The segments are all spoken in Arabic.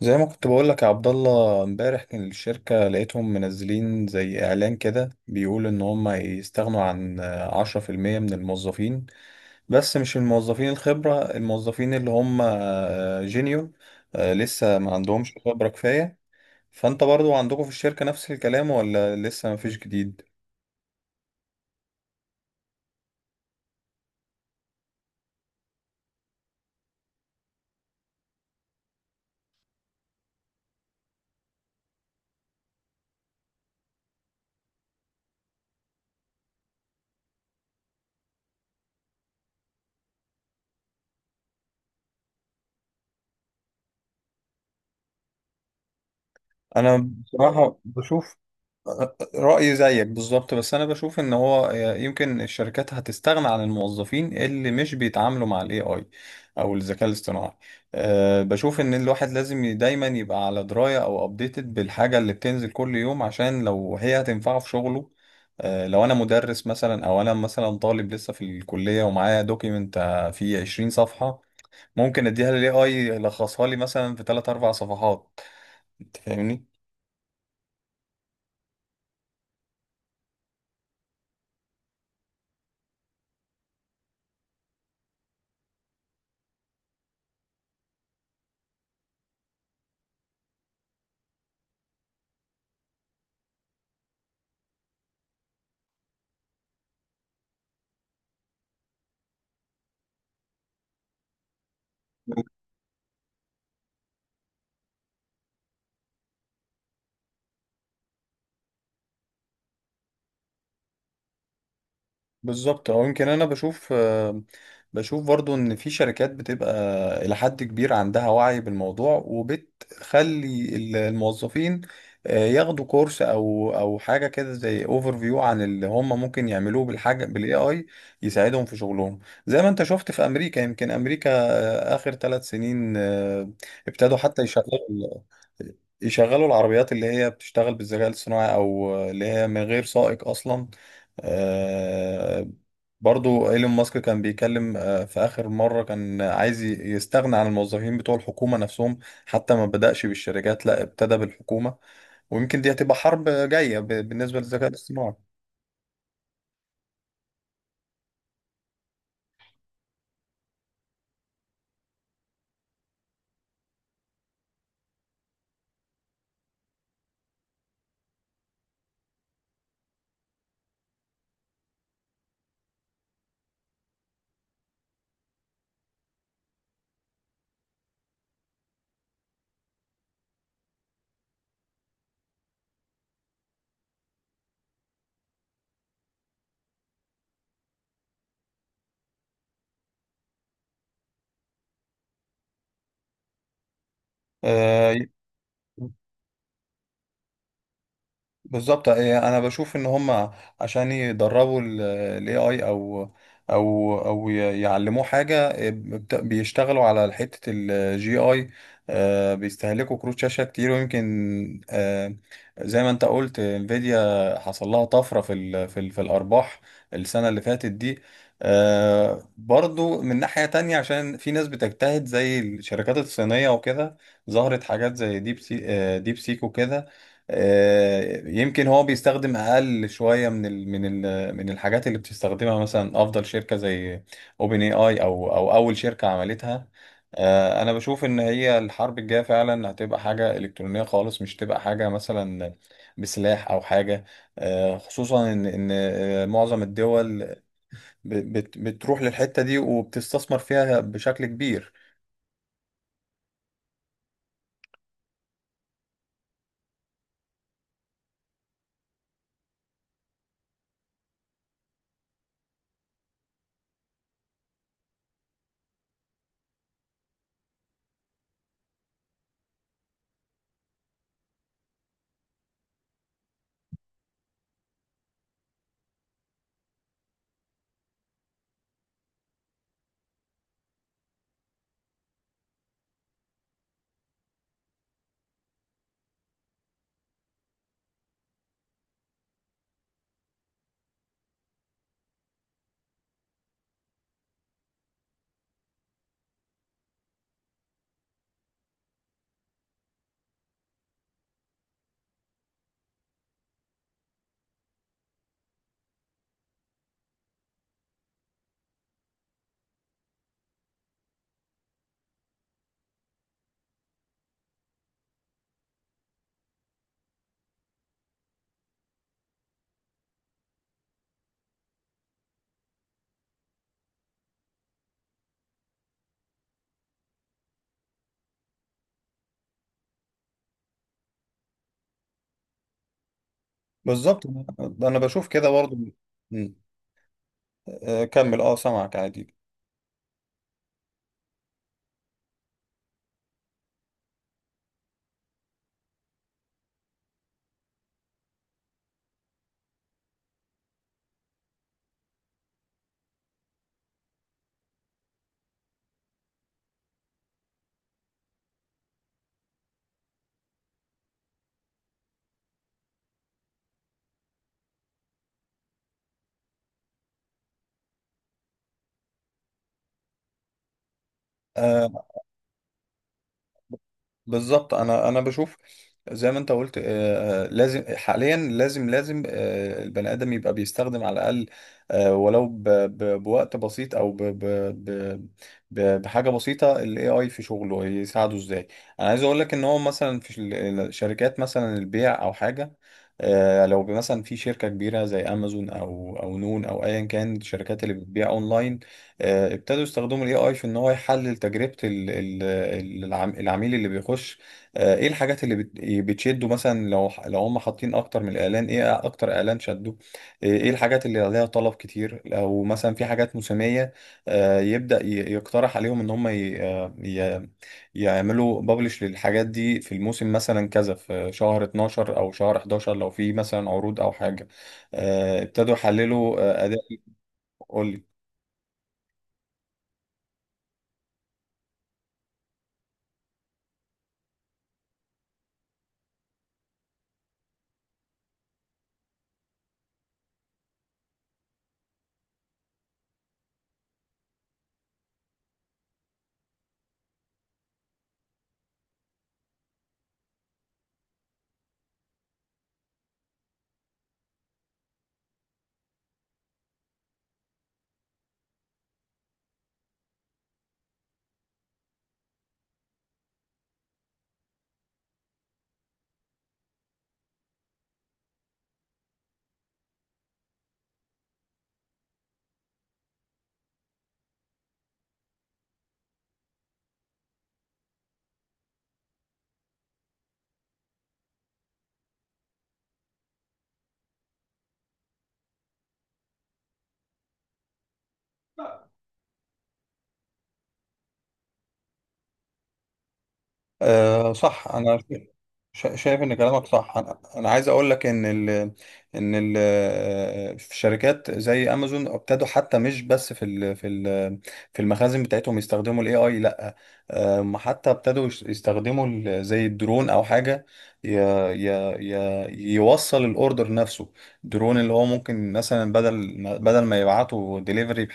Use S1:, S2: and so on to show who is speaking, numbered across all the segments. S1: زي ما كنت بقول لك يا عبد الله، امبارح كان الشركة لقيتهم منزلين زي اعلان كده بيقول ان هم يستغنوا عن 10% من الموظفين. بس مش الموظفين الخبرة، الموظفين اللي هم جينيور لسه ما عندهمش خبرة كفاية. فانت برضو عندكم في الشركة نفس الكلام ولا لسه ما فيش جديد؟ انا بصراحة بشوف رأيي زيك بالظبط، بس أنا بشوف إن هو يمكن الشركات هتستغنى عن الموظفين اللي مش بيتعاملوا مع ال AI أو الذكاء الاصطناعي. بشوف إن الواحد لازم دايما يبقى على دراية أو أبديتد بالحاجة اللي بتنزل كل يوم عشان لو هي هتنفعه في شغله. لو أنا مدرس مثلا أو أنا مثلا طالب لسه في الكلية ومعايا دوكيمنت فيه 20 صفحة، ممكن أديها لل AI يلخصها لي مثلا في 3 4 صفحات. أنت فاهمني؟ بالظبط، او يمكن انا بشوف بشوف برضو ان في شركات بتبقى الى حد كبير عندها وعي بالموضوع وبتخلي الموظفين ياخدوا كورس او حاجه كده زي اوفر فيو عن اللي هم ممكن يعملوه بالحاجه بالاي اي يساعدهم في شغلهم. زي ما انت شفت في امريكا، يمكن امريكا اخر 3 سنين ابتدوا حتى يشغلوا العربيات اللي هي بتشتغل بالذكاء الصناعي او اللي هي من غير سائق اصلا. آه، برضو ايلون ماسك كان بيتكلم في آخر مرة كان عايز يستغنى عن الموظفين بتوع الحكومة نفسهم. حتى ما بدأش بالشركات، لا ابتدى بالحكومة. ويمكن دي هتبقى حرب جاية بالنسبة للذكاء الاصطناعي. آه، بالظبط انا بشوف ان هم عشان يدربوا الاي اي او يعلموه حاجه بيشتغلوا على حته الجي اي. بيستهلكوا كروت شاشه كتير، ويمكن زي ما انت قلت، انفيديا حصل لها طفره في الارباح السنه اللي فاتت دي. برضو من ناحيه تانية، عشان في ناس بتجتهد زي الشركات الصينيه وكده، ظهرت حاجات زي ديب سيك وكده. يمكن هو بيستخدم اقل شويه من الحاجات اللي بتستخدمها مثلا افضل شركه زي اوبن اي اي او اول شركه عملتها. انا بشوف ان هي الحرب الجايه فعلا هتبقى حاجه الكترونيه خالص، مش تبقى حاجه مثلا بسلاح او حاجه. خصوصا ان معظم الدول بتروح للحته دي وبتستثمر فيها بشكل كبير. بالظبط، انا بشوف كده برضو. م. كمل، اه، سامعك عادي. بالظبط، انا بشوف. زي ما انت قلت لازم حاليا، لازم البني ادم يبقى بيستخدم على الاقل ولو بوقت بسيط او بحاجه بسيطه الاي اي في شغله يساعده ازاي. انا عايز اقول لك ان هو مثلا في الشركات مثلا البيع او حاجه. لو مثلا في شركه كبيره زي امازون او نون او ايا كان الشركات اللي بتبيع اونلاين. ابتدوا يستخدموا الاي اي في ان هو يحلل تجربة العميل اللي بيخش. ايه الحاجات اللي بتشده مثلا، لو هم حاطين اكتر من اعلان، ايه اكتر اعلان شده. ايه الحاجات اللي عليها طلب كتير لو مثلا في حاجات موسمية. يبدأ يقترح عليهم ان هم يعملوا بابلش للحاجات دي في الموسم، مثلا كذا في شهر 12 او شهر 11 لو في مثلا عروض او حاجة. ابتدوا يحللوا اداء. قول. أه، صح. انا شايف ان كلامك صح. انا عايز اقول لك ان ال ان ال في شركات زي امازون ابتدوا حتى مش بس في المخازن بتاعتهم يستخدموا الاي اي، لا حتى ابتدوا يستخدموا زي الدرون او حاجه ي ي ي يوصل الاوردر نفسه. درون اللي هو ممكن مثلا بدل ما يبعتوا ديليفري،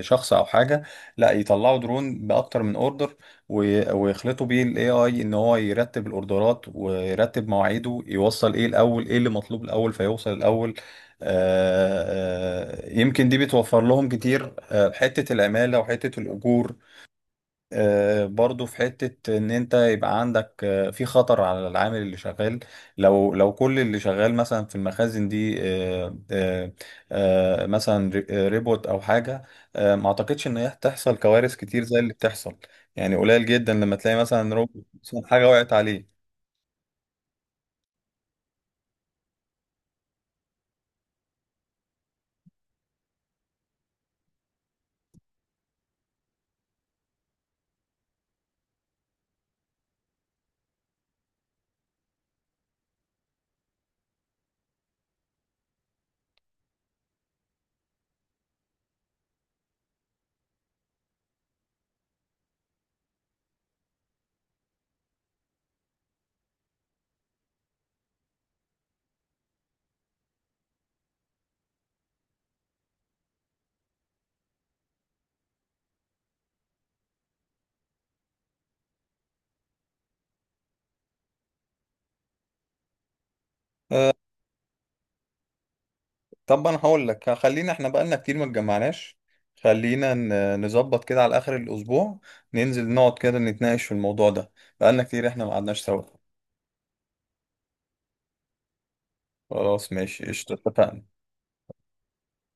S1: شخص او حاجه، لا يطلعوا درون باكتر من اوردر، ويخلطوا بيه الاي اي ان هو يرتب الاوردرات ويرتب مواعيده، يوصل ايه الاول، ايه اللي مطلوب الاول فيوصل الاول. يمكن دي بتوفر لهم كتير حتة العمالة وحتة الأجور. برضو في حتة ان انت يبقى عندك في خطر على العامل اللي شغال، لو كل اللي شغال مثلا في المخازن دي مثلا ريبوت او حاجة. ما اعتقدش ان هي تحصل كوارث كتير زي اللي بتحصل. يعني قليل جدا لما تلاقي مثلا روبوت مثلاً حاجة وقعت عليه. طب انا هقول لك، خلينا احنا بقالنا كتير ما اتجمعناش. خلينا نظبط كده على اخر الاسبوع، ننزل نقعد كده نتناقش في الموضوع ده. بقالنا كتير احنا ما قعدناش سوا. خلاص ماشي، قشطة، اتفقنا.